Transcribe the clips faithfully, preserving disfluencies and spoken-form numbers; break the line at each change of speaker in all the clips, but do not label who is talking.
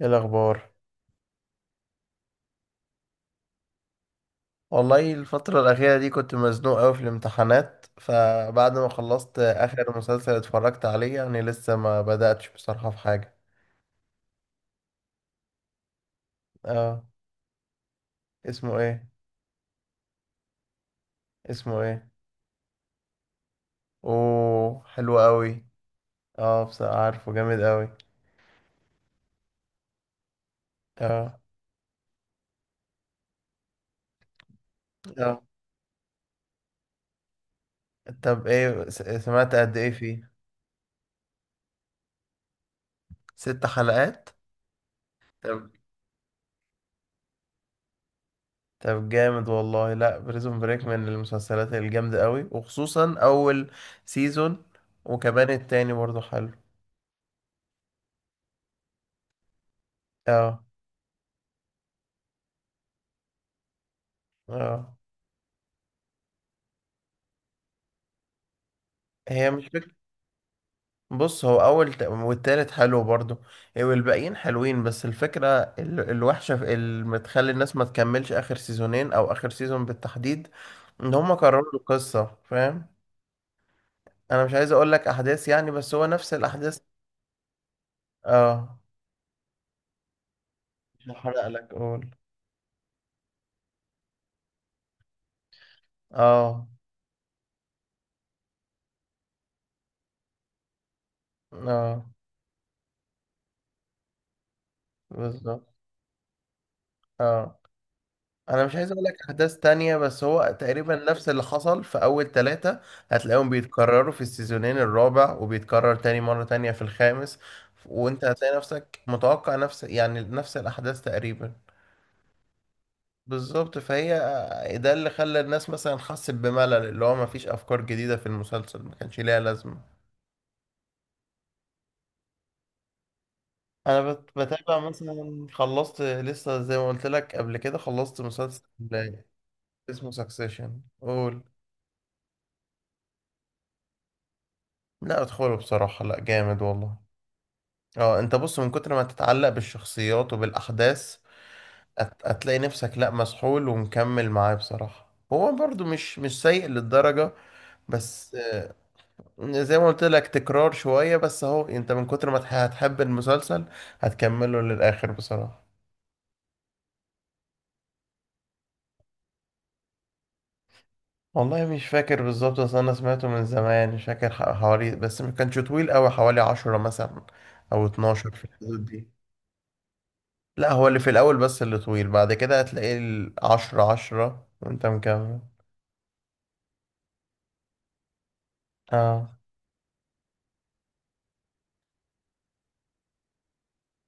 ايه الاخبار؟ والله الفترة الأخيرة دي كنت مزنوق أوي في الامتحانات، فبعد ما خلصت آخر مسلسل اتفرجت عليه يعني لسه ما بدأتش بصراحة في حاجة. اه. اسمه ايه؟ اسمه ايه؟ اوه حلو أوي. اه، بصراحة عارفه جامد أوي. اه. اه. طب ايه، س- سمعت قد ايه فيه؟ ست حلقات. طب طب جامد والله، لا بريزون بريك من المسلسلات الجامدة أوي وخصوصا أول سيزون. وكمان التاني برضه حلو. اه. اه. هي مش فكرة. بص، هو اول ت- والتالت حلو برضو. إيه، والباقيين حلوين بس الفكرة ال- الوحشة في- اللي بتخلي الناس ما تكملش اخر سيزونين او اخر سيزون بالتحديد، ان هم كرروا القصة فاهم. انا مش عايز اقول لك احداث يعني، بس هو نفس الاحداث. اه. مش هحرق لك، قول. اه. اه. بالظبط. اه. انا مش عايز اقول لك احداث تانية بس هو تقريبا نفس اللي حصل في اول ثلاثة. هتلاقيهم بيتكرروا في السيزونين الرابع، وبيتكرر تاني مرة تانية في الخامس. وانت هتلاقي نفسك متوقع نفس يعني نفس الاحداث تقريبا. بالظبط، فهي ده اللي خلى الناس مثلا حست بملل، اللي هو مفيش افكار جديدة في المسلسل ما كانش ليها لازمة. انا بت- بتابع مثلا، خلصت لسه زي ما قلت لك قبل كده، خلصت مسلسل اسمه سكسيشن، قول. لا ادخله بصراحة، لا جامد والله. اه انت بص، من كتر ما تتعلق بالشخصيات وبالاحداث هت- هتلاقي نفسك لا مسحول ومكمل معاه بصراحة. هو برضو مش مش سيء للدرجة، بس آه، زي ما قلت لك تكرار شوية، بس اهو انت من كتر ما تح- هتحب المسلسل هتكمله للاخر بصراحة. والله مش فاكر بالظبط، اصل انا سمعته من زمان مش فاكر، ح- حوالي، بس ما كانش طويل قوي، حوالي عشرة مثلا او اتناشر، في الحدود دي. لا، هو اللي في الاول، بس اللي طويل بعد كده هتلاقيه العشرة عشرة وانت مكمل. اه.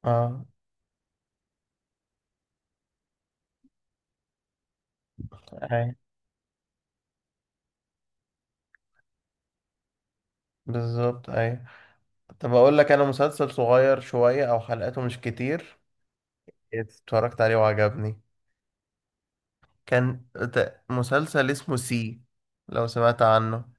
اه. اي، بالظبط. اي. طب اقول لك انا مسلسل صغير شوية او حلقاته مش كتير، اتفرجت عليه وعجبني. كان ت- مسلسل اسمه سي، لو سمعت عنه.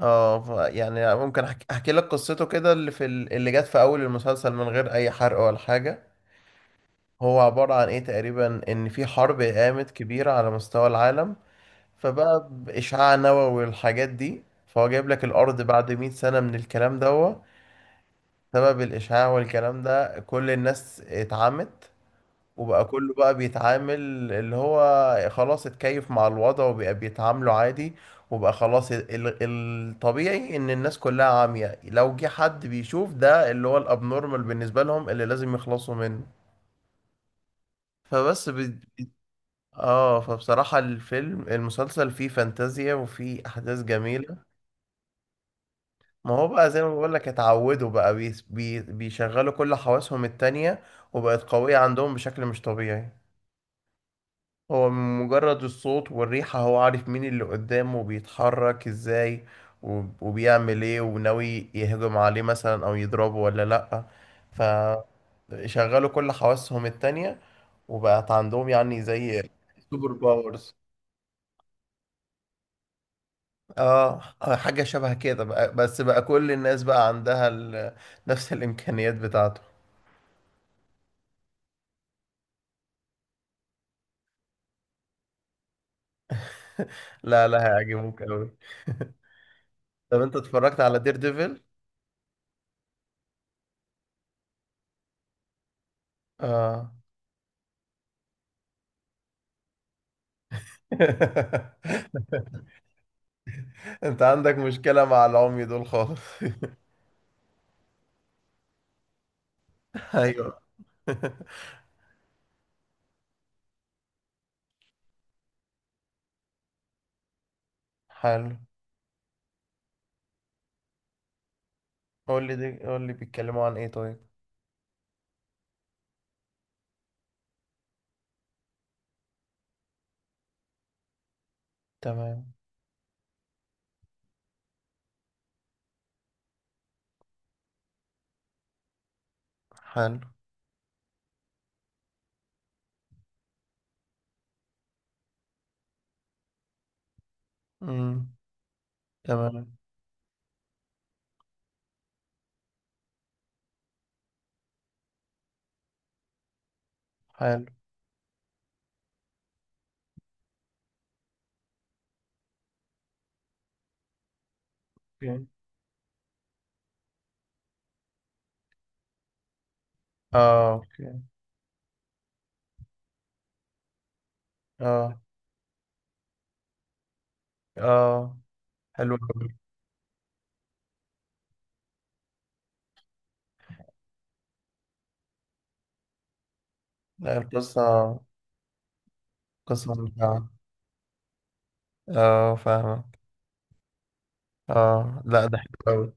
اه، ف- يعني ممكن احكي, أحكي لك قصته كده، اللي في ال- اللي جت في اول المسلسل، من غير اي حرق ولا حاجة. هو عبارة عن ايه تقريبا، ان في حرب قامت كبيرة على مستوى العالم، فبقى بإشعاع نووي والحاجات دي، فهو جايب لك الأرض بعد مائة سنة من الكلام ده. سبب الإشاعة والكلام ده، كل الناس اتعمت، وبقى كله بقى بيتعامل اللي هو خلاص اتكيف مع الوضع، وبقى بيتعاملوا عادي. وبقى خلاص ال- الطبيعي ان الناس كلها عامية، لو جه حد بيشوف ده اللي هو الابنورمال بالنسبة لهم اللي لازم يخلصوا منه. فبس ب... اه، فبصراحة الفيلم المسلسل فيه فانتازيا وفيه احداث جميلة. ما هو بقى زي ما بقول لك اتعودوا، بقى بيس- بي بيشغلوا كل حواسهم التانية، وبقت قوية عندهم بشكل مش طبيعي. هو من مجرد الصوت والريحة هو عارف مين اللي قدامه وبيتحرك ازاي وب- وبيعمل ايه، وناوي يهجم عليه مثلا او يضربه ولا لأ. فشغلوا كل حواسهم التانية وبقت عندهم يعني زي سوبر باورز. اه، حاجة شبه كده بقى، بس بقى كل الناس بقى عندها ال- نفس الإمكانيات بتاعته. لا لا، هيعجبوك قوي. طب انت اتفرجت على دير ديفل؟ اه. انت عندك مشكلة مع العمي دول خالص. ايوه. حلو، قول لي دي، قول لي بيتكلموا عن ايه طيب. تمام. حلو. امم. تمام. حلو. اوكي. اه. اوكي. اه. اه. حلو أوي. لا القصة قصة ممتعة. اه فاهمك. اه لا، ده حلو قوي.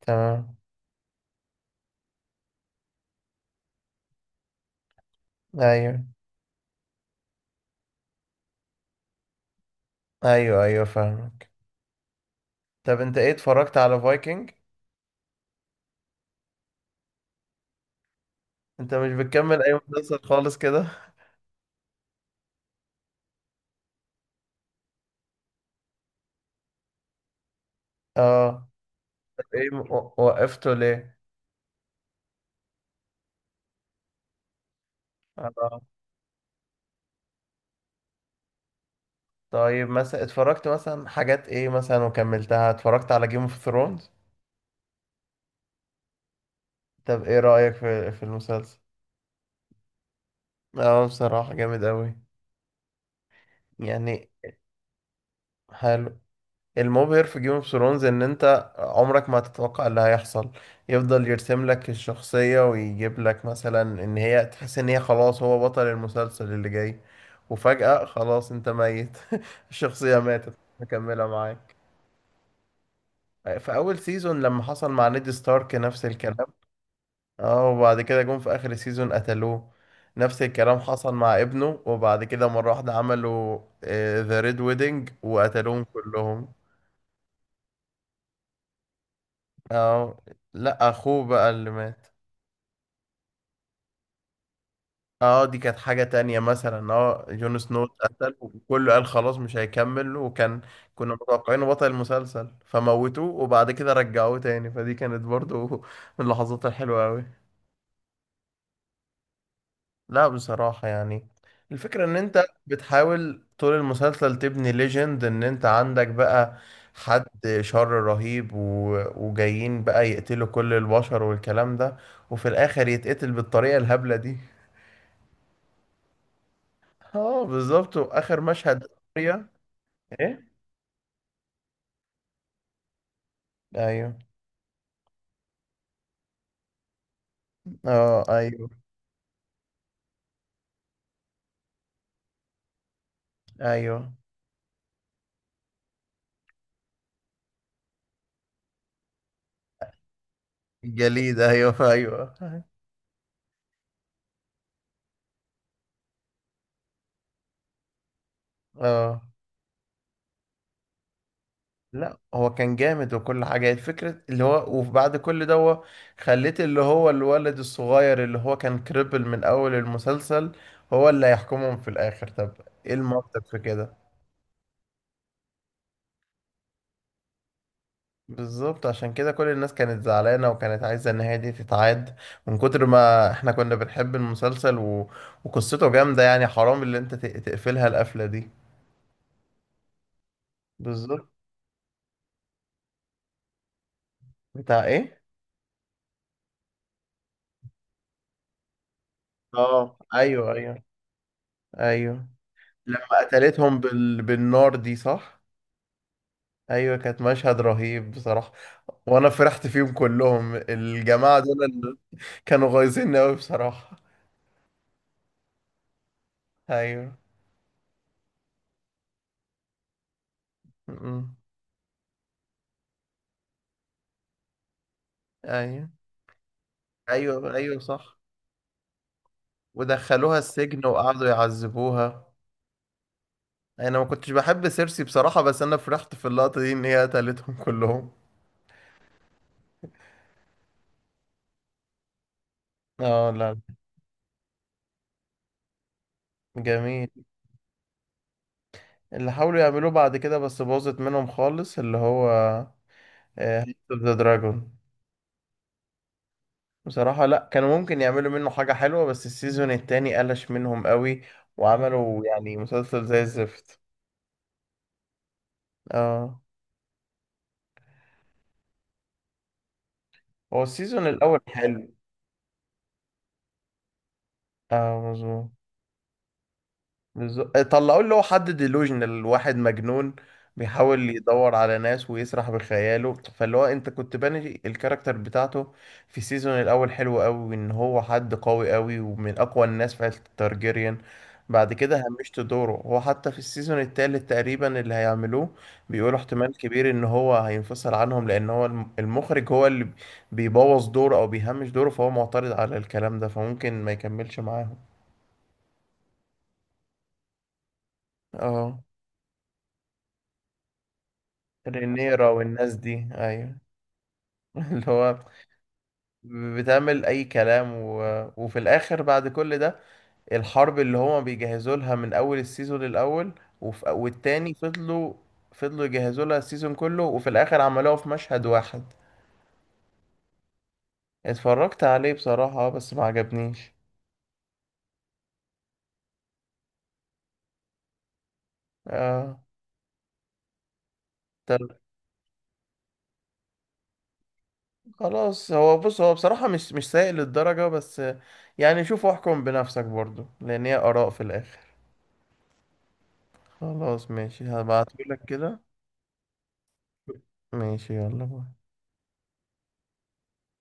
تمام. ايوه، ايوه، ايوه فاهمك. طب انت ايه، اتفرجت على فايكنج؟ انت مش بتكمل اي مسلسل خالص كده. اه. طب ايه و- وقفته ليه؟ اه. طيب، مثلا اتفرجت مثلا حاجات ايه مثلا وكملتها؟ اتفرجت على جيم اوف ثرونز. طب ايه رأيك في في المسلسل؟ اه بصراحة جامد قوي يعني. حلو. المبهر في جيم اوف ثرونز ان انت عمرك ما هتتوقع اللي هيحصل. يفضل يرسم لك الشخصية ويجيب لك مثلا ان هي تحس ان هي خلاص هو بطل المسلسل اللي جاي، وفجأة خلاص انت ميت الشخصية ماتت، مكملة معاك. في اول سيزون لما حصل مع نيد ستارك نفس الكلام. اه. وبعد كده جم في اخر سيزون قتلوه. نفس الكلام حصل مع ابنه، وبعد كده مرة واحدة عملوا ذا ريد ويدنج وقتلوهم كلهم. اه، لا اخوه بقى اللي مات. اه دي كانت حاجة تانية مثلا. اه جون سنو اتقتل وكله قال خلاص مش هيكمل، وكان كنا متوقعينه بطل المسلسل فموتوه، وبعد كده رجعوه تاني، فدي كانت برضو من اللحظات الحلوة أوي. لا بصراحة يعني، الفكرة ان انت بتحاول طول المسلسل تبني ليجند، ان انت عندك بقى حد شر رهيب و... وجايين بقى يقتلوا كل البشر والكلام ده، وفي الاخر يتقتل بالطريقة الهبلة دي. اه بالظبط، واخر مشهد اريا. ايه. ايوه. اه، ايوه، ايوه. الجليد، ايوه ايوه. اه لا هو كان جامد وكل حاجه، الفكره اللي هو وبعد كل ده هو خليت اللي هو الولد الصغير اللي هو كان كريبل من اول المسلسل، هو اللي هيحكمهم في الاخر؟ طب ايه المنطق في كده؟ بالظبط، عشان كده كل الناس كانت زعلانة وكانت عايزة النهاية دي تتعاد، من كتر ما احنا كنا بنحب المسلسل و... وقصته جامدة يعني حرام اللي انت ت... تقفلها القفلة دي. بالظبط. بتاع ايه؟ اه ايوه ايوه. ايوه لما قتلتهم بال... بالنار دي صح؟ ايوه كانت مشهد رهيب بصراحة، وانا فرحت فيهم كلهم، الجماعة دول اللي كانوا غايزين قوي بصراحة. ايوه. م- م. ايوه ايوه ايوه صح، ودخلوها السجن وقعدوا يعذبوها. انا ما كنتش بحب سيرسي بصراحة، بس انا فرحت في اللقطة دي ان هي قتلتهم كلهم. اه. لا جميل. اللي حاولوا يعملوه بعد كده بس باظت منهم خالص، اللي هو هاوس اوف ذا دراجون. بصراحة لا، كانوا ممكن يعملوا منه حاجة حلوة، بس السيزون التاني قلش منهم قوي وعملوا يعني مسلسل زي الزفت. اه. هو السيزون الاول حلو. اه مظبوط. بالظبط، طلعوا اللي هو حد ديلوجنال واحد مجنون، بيحاول يدور على ناس ويسرح بخياله، فاللي هو انت كنت باني الكاركتر بتاعته في السيزون الاول حلو قوي، ان هو حد قوي قوي ومن اقوى الناس في عيلة التارجيريان. بعد كده همشت دوره هو، حتى في السيزون التالت تقريبا اللي هيعملوه بيقولوا احتمال كبير ان هو هينفصل عنهم، لان هو الم- المخرج هو اللي بيبوظ دوره او بيهمش دوره، فهو معترض على الكلام ده فممكن ما يكملش معاهم. اه. رينيرا والناس دي ايوه. اللي هو بتعمل اي كلام و... وفي الاخر بعد كل ده، الحرب اللي هما بيجهزوا لها من اول السيزون الاول وف... والتاني، فضلوا فضلوا يجهزوا لها السيزون كله، وفي الاخر عملوها في مشهد واحد. اتفرجت عليه بصراحة، آه، بس ما عجبنيش. آه... طب خلاص هو بص، هو بصراحة مش مش سيء للدرجة بس، يعني شوف واحكم بنفسك برضو لان هي اراء في الاخر. خلاص ماشي هبعتهولك كده. ماشي يلا باي.